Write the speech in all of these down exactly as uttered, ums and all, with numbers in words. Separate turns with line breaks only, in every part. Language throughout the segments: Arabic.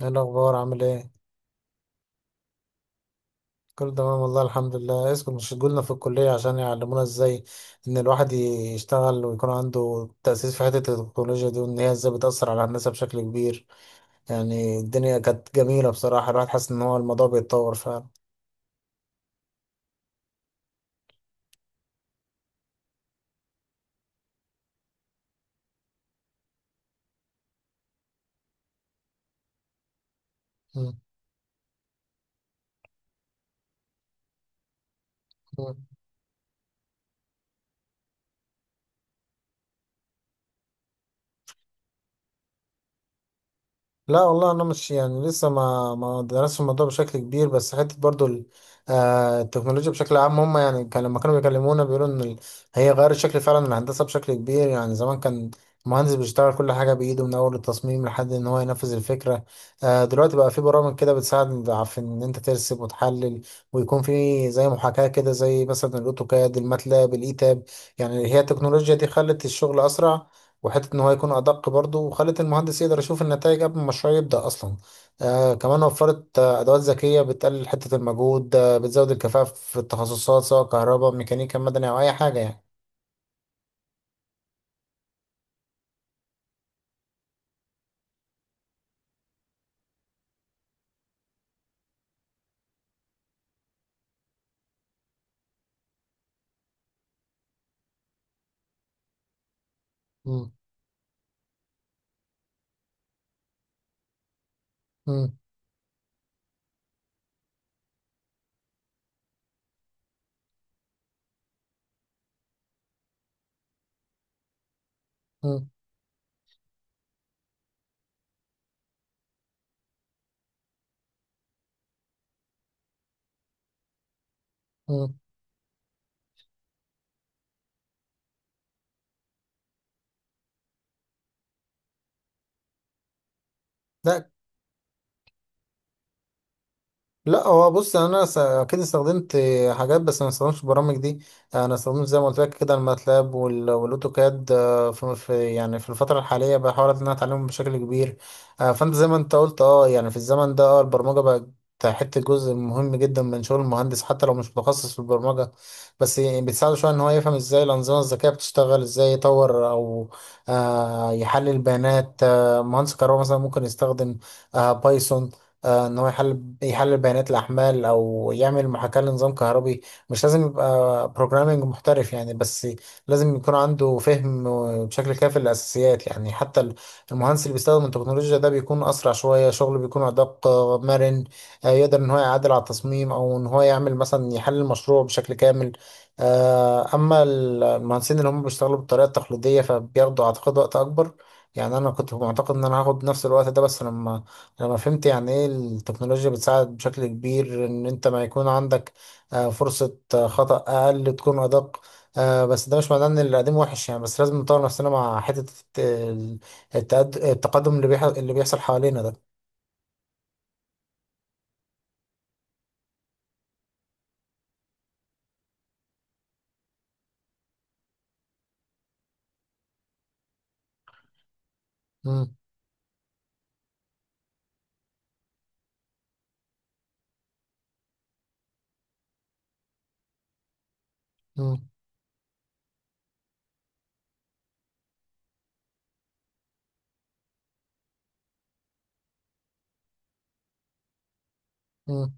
ايه الاخبار؟ عامل ايه؟ كله تمام والله، الحمد لله. اسكت، مش شغلنا في الكليه عشان يعلمونا ازاي ان الواحد يشتغل ويكون عنده تاسيس في حته التكنولوجيا دي، وان هي ازاي بتاثر على الناس بشكل كبير. يعني الدنيا كانت جميله بصراحه، الواحد حاسس ان هو الموضوع بيتطور فعلا. مم. لا والله، انا مش يعني لسه ما ما درستش الموضوع بشكل كبير، بس حته برضو ال- آه، التكنولوجيا بشكل عام، هم يعني كان لما كانوا بيكلمونا بيقولوا ان ال- هي غيرت شكل فعلا الهندسه بشكل كبير. يعني زمان كان المهندس بيشتغل كل حاجه بايده من اول التصميم لحد ان هو ينفذ الفكره. آه، دلوقتي بقى في برامج كده بتساعد في ان انت ترسم وتحلل، ويكون في زي محاكاه كده زي مثلا الاوتوكاد، الماتلاب، الايتاب. يعني هي التكنولوجيا دي خلت الشغل اسرع، وحته ان هو يكون ادق برضه، وخلت المهندس يقدر يشوف النتائج قبل ما المشروع يبدا اصلا. آه كمان وفرت آه ادوات ذكيه بتقلل حته المجهود، آه بتزود الكفاءه في التخصصات سواء كهرباء، ميكانيكا، مدني او اي حاجه يعني. مم. مم. مم. مم. لا، لا هو بص، انا س- اكيد استخدمت حاجات بس ما استخدمتش البرامج دي. انا استخدمت زي ما قلت لك كده الماتلاب وال- والاوتوكاد. آه، في في- يعني في الفتره الحاليه بحاول ان انا اتعلمهم بشكل كبير. آه، فانت زي ما انت قلت اه يعني في الزمن ده، آه، البرمجه بقت حته جزء مهم جدا من شغل المهندس حتى لو مش متخصص في البرمجه. بس يعني بتساعده شويه ان هو يفهم ازاي الانظمه الذكيه بتشتغل، ازاي يطور او آه، يحلل بيانات. آه، مهندس كهرباء مثلا ممكن يستخدم آه، بايثون، آه، ان هو يحلل يحلل بيانات الاحمال او يعمل محاكاه لنظام كهربي. مش لازم يبقى بروجرامنج محترف يعني، بس لازم يكون عنده فهم بشكل كافي للاساسيات. يعني حتى ال- المهندس اللي بيستخدم التكنولوجيا ده بيكون اسرع شويه، شغله بيكون ادق، آه، مرن، آه، يقدر ان هو يعدل على التصميم او ان هو يعمل مثلا يحلل المشروع بشكل كامل. آه، اما ال- المهندسين اللي هم بيشتغلوا بالطريقه التقليديه فبياخدوا اعتقد وقت اكبر. يعني انا كنت معتقد ان انا هاخد نفس الوقت ده، بس لما انا فهمت يعني ايه التكنولوجيا بتساعد بشكل كبير ان انت ما يكون عندك آه، فرصة آه، خطأ اقل، تكون ادق. آه، بس ده مش معناه ان اللي قديم وحش يعني، بس لازم نطور نفسنا مع حتة الت- التقد- التقدم اللي بيح- اللي بيحصل حوالينا ده. مم. مم. مم.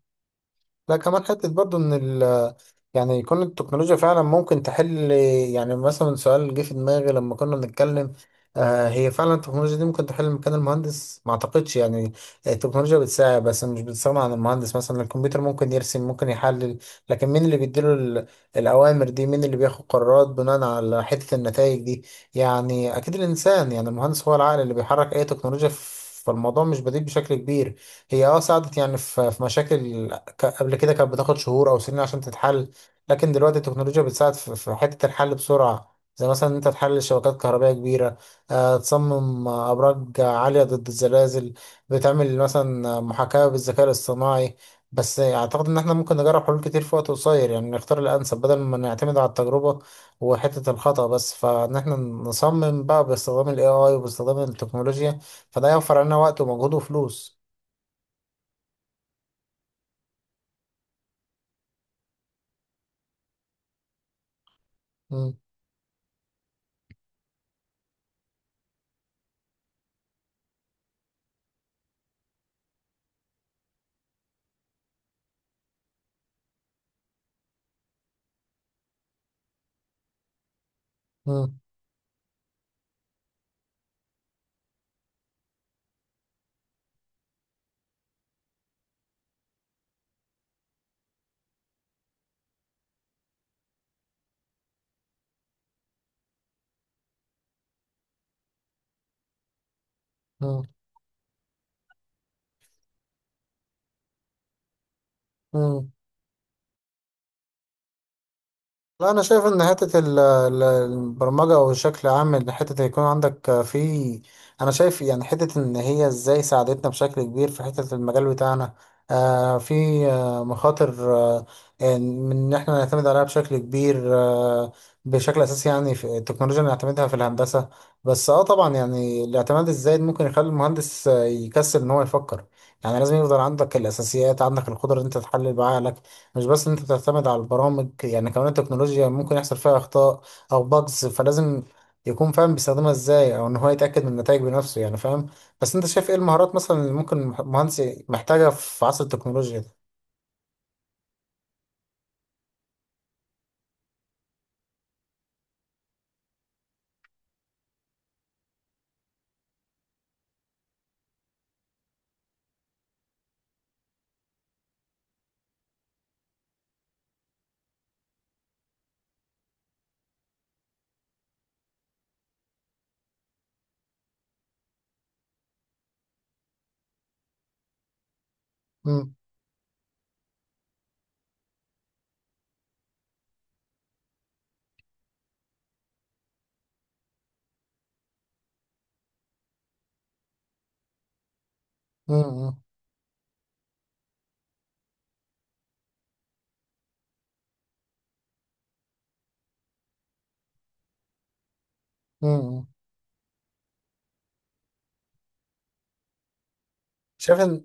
لا، كمان حتة برضو ان ال يعني يكون التكنولوجيا فعلا ممكن تحل. يعني مثلا سؤال جه في دماغي لما كنا بنتكلم، آه هي فعلا التكنولوجيا دي ممكن تحل مكان المهندس؟ ما اعتقدش يعني. التكنولوجيا بتساعد بس مش بتستغنى عن المهندس. مثلا الكمبيوتر ممكن يرسم، ممكن يحلل، لكن مين اللي بيديله ال- الاوامر دي؟ مين اللي بياخد قرارات بناء على حتة النتائج دي؟ يعني اكيد الانسان، يعني المهندس هو العقل اللي بيحرك اي تكنولوجيا. ف- فالموضوع مش بديل بشكل كبير. هي اه ساعدت يعني في في مشاكل ك- قبل كده كانت بتاخد شهور او سنين عشان تتحل، لكن دلوقتي التكنولوجيا بتساعد في في حتة الحل بسرعة. زي مثلا إن انت تحلل شبكات كهربائية كبيرة، آه، تصمم آه، ابراج عالية ضد الزلازل، بتعمل مثلا آه، محاكاة بالذكاء الاصطناعي. بس اعتقد ان احنا ممكن نجرب حلول كتير في وقت قصير، يعني نختار الانسب بدل ما نعتمد على التجربة وحتة الخطأ، بس فان احنا نصمم بقى باستخدام الاي اي وباستخدام التكنولوجيا فده يوفر علينا وقت ومجهود وفلوس. مم. مم. مم. مم. لا، انا شايف ان حته ال- ال- البرمجه، او بشكل عام ان حته يكون عندك في، انا شايف يعني حته ان هي ازاي ساعدتنا بشكل كبير في حته المجال بتاعنا. آه في آه مخاطر آه إن- من ان احنا نعتمد عليها بشكل كبير، آه بشكل اساسي يعني في التكنولوجيا اللي نعتمدها في الهندسه. بس اه طبعا يعني الاعتماد الزايد ممكن يخلي المهندس آه، يكسل ان هو يفكر. يعني لازم يفضل عندك الاساسيات، عندك القدره ان انت تحلل بعقلك، مش بس ان انت بتعتمد على البرامج. يعني كمان التكنولوجيا ممكن يحصل فيها اخطاء او باجز، فلازم يكون فاهم بيستخدمها ازاي، او ان هو يتاكد من النتائج بنفسه يعني، فاهم؟ بس انت شايف ايه المهارات مثلا اللي ممكن مهندس محتاجها في عصر التكنولوجيا ده؟ امم. امم. امم. إمم، إمم. شايف إن-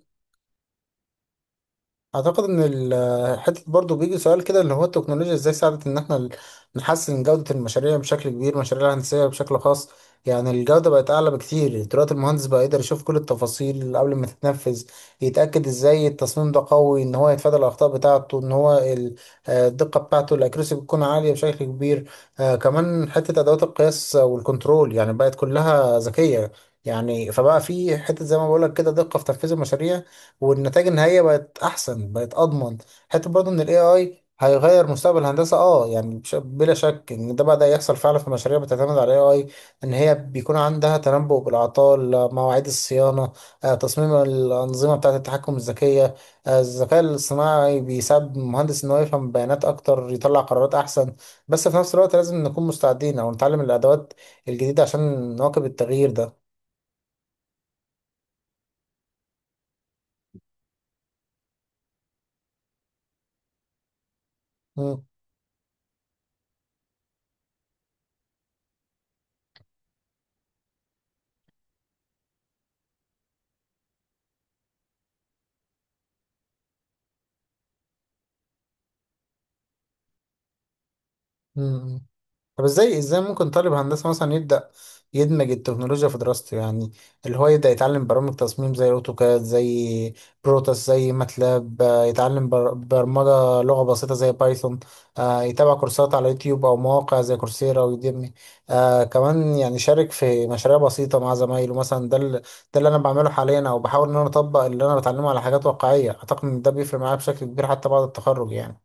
اعتقد ان ال- آه، حته برضو بيجي سؤال كده اللي هو التكنولوجيا ازاي ساعدت ان احنا ال- نحسن جوده المشاريع بشكل كبير، مشاريع الهندسيه بشكل خاص. يعني الجوده بقت اعلى بكتير دلوقتي، المهندس بقى يقدر يشوف كل التفاصيل قبل ما تتنفذ، يتاكد ازاي التصميم ده قوي، ان هو يتفادى الاخطاء بتاعته، ان هو ال- آه، الدقه بتاعته الاكيرسي بتكون عاليه بشكل كبير. آه، كمان حته ادوات القياس والكنترول يعني بقت كلها ذكيه. يعني فبقى في حته زي ما بقول لك كده دقه في تنفيذ المشاريع، والنتائج النهائيه بقت احسن، بقت اضمن. حتى برضه ان الاي اي هيغير مستقبل الهندسه اه يعني، بش- بلا شك ان ده بدا يحصل فعلا في مشاريع بتعتمد على الاي اي. ان هي بيكون عندها تنبؤ بالاعطال، آه، مواعيد الصيانه، آه، تصميم الانظمه بتاعه التحكم الذكيه. آه، الذكاء الاصطناعي بيساعد المهندس ان هو يفهم بيانات اكتر، يطلع قرارات احسن. بس في نفس الوقت لازم نكون مستعدين او نتعلم الادوات الجديده عشان نواكب التغيير ده. مم. مم. طب ازاي ازاي ممكن طالب هندسة مثلا يبدأ يدمج التكنولوجيا في دراسته؟ يعني اللي هو يبدأ يتعلم برامج تصميم زي اوتوكاد، زي بروتاس، زي ماتلاب، آه، يتعلم بر- برمجة لغة بسيطة زي بايثون، آه، يتابع كورسات على يوتيوب أو مواقع زي كورسيرا ويوديمي. آه، كمان يعني شارك في مشاريع بسيطة مع زمايله مثلا. ده ال- ده اللي أنا بعمله حاليا، أو بحاول إن أنا أطبق اللي أنا بتعلمه على حاجات واقعية. أعتقد إن ده بيفرق معايا بشكل كبير حتى بعد التخرج يعني.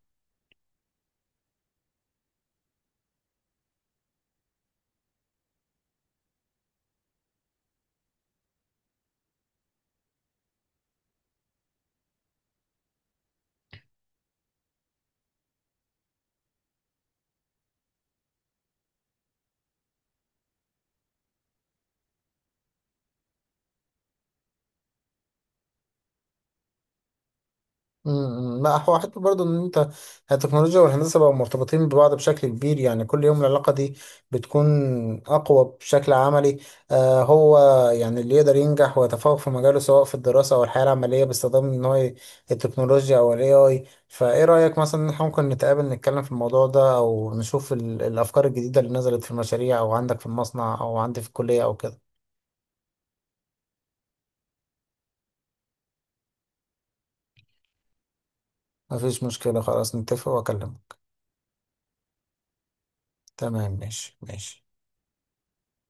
امم. لا هو حتى برضه ان انت التكنولوجيا والهندسه بقوا مرتبطين ببعض بشكل كبير، يعني كل يوم العلاقه دي بتكون اقوى بشكل عملي. آه هو يعني اللي يقدر ينجح ويتفوق في مجاله سواء في الدراسه او الحياه العمليه باستخدام ان هو ي- التكنولوجيا او الاي اي. فايه رايك مثلا ان احنا ممكن نتقابل نتكلم في الموضوع ده، او نشوف ال- الافكار الجديده اللي نزلت في المشاريع او عندك في المصنع او عندي في الكليه او كده؟ مفيش مشكله، خلاص نتفق واكلمك. تمام، ماشي ماشي.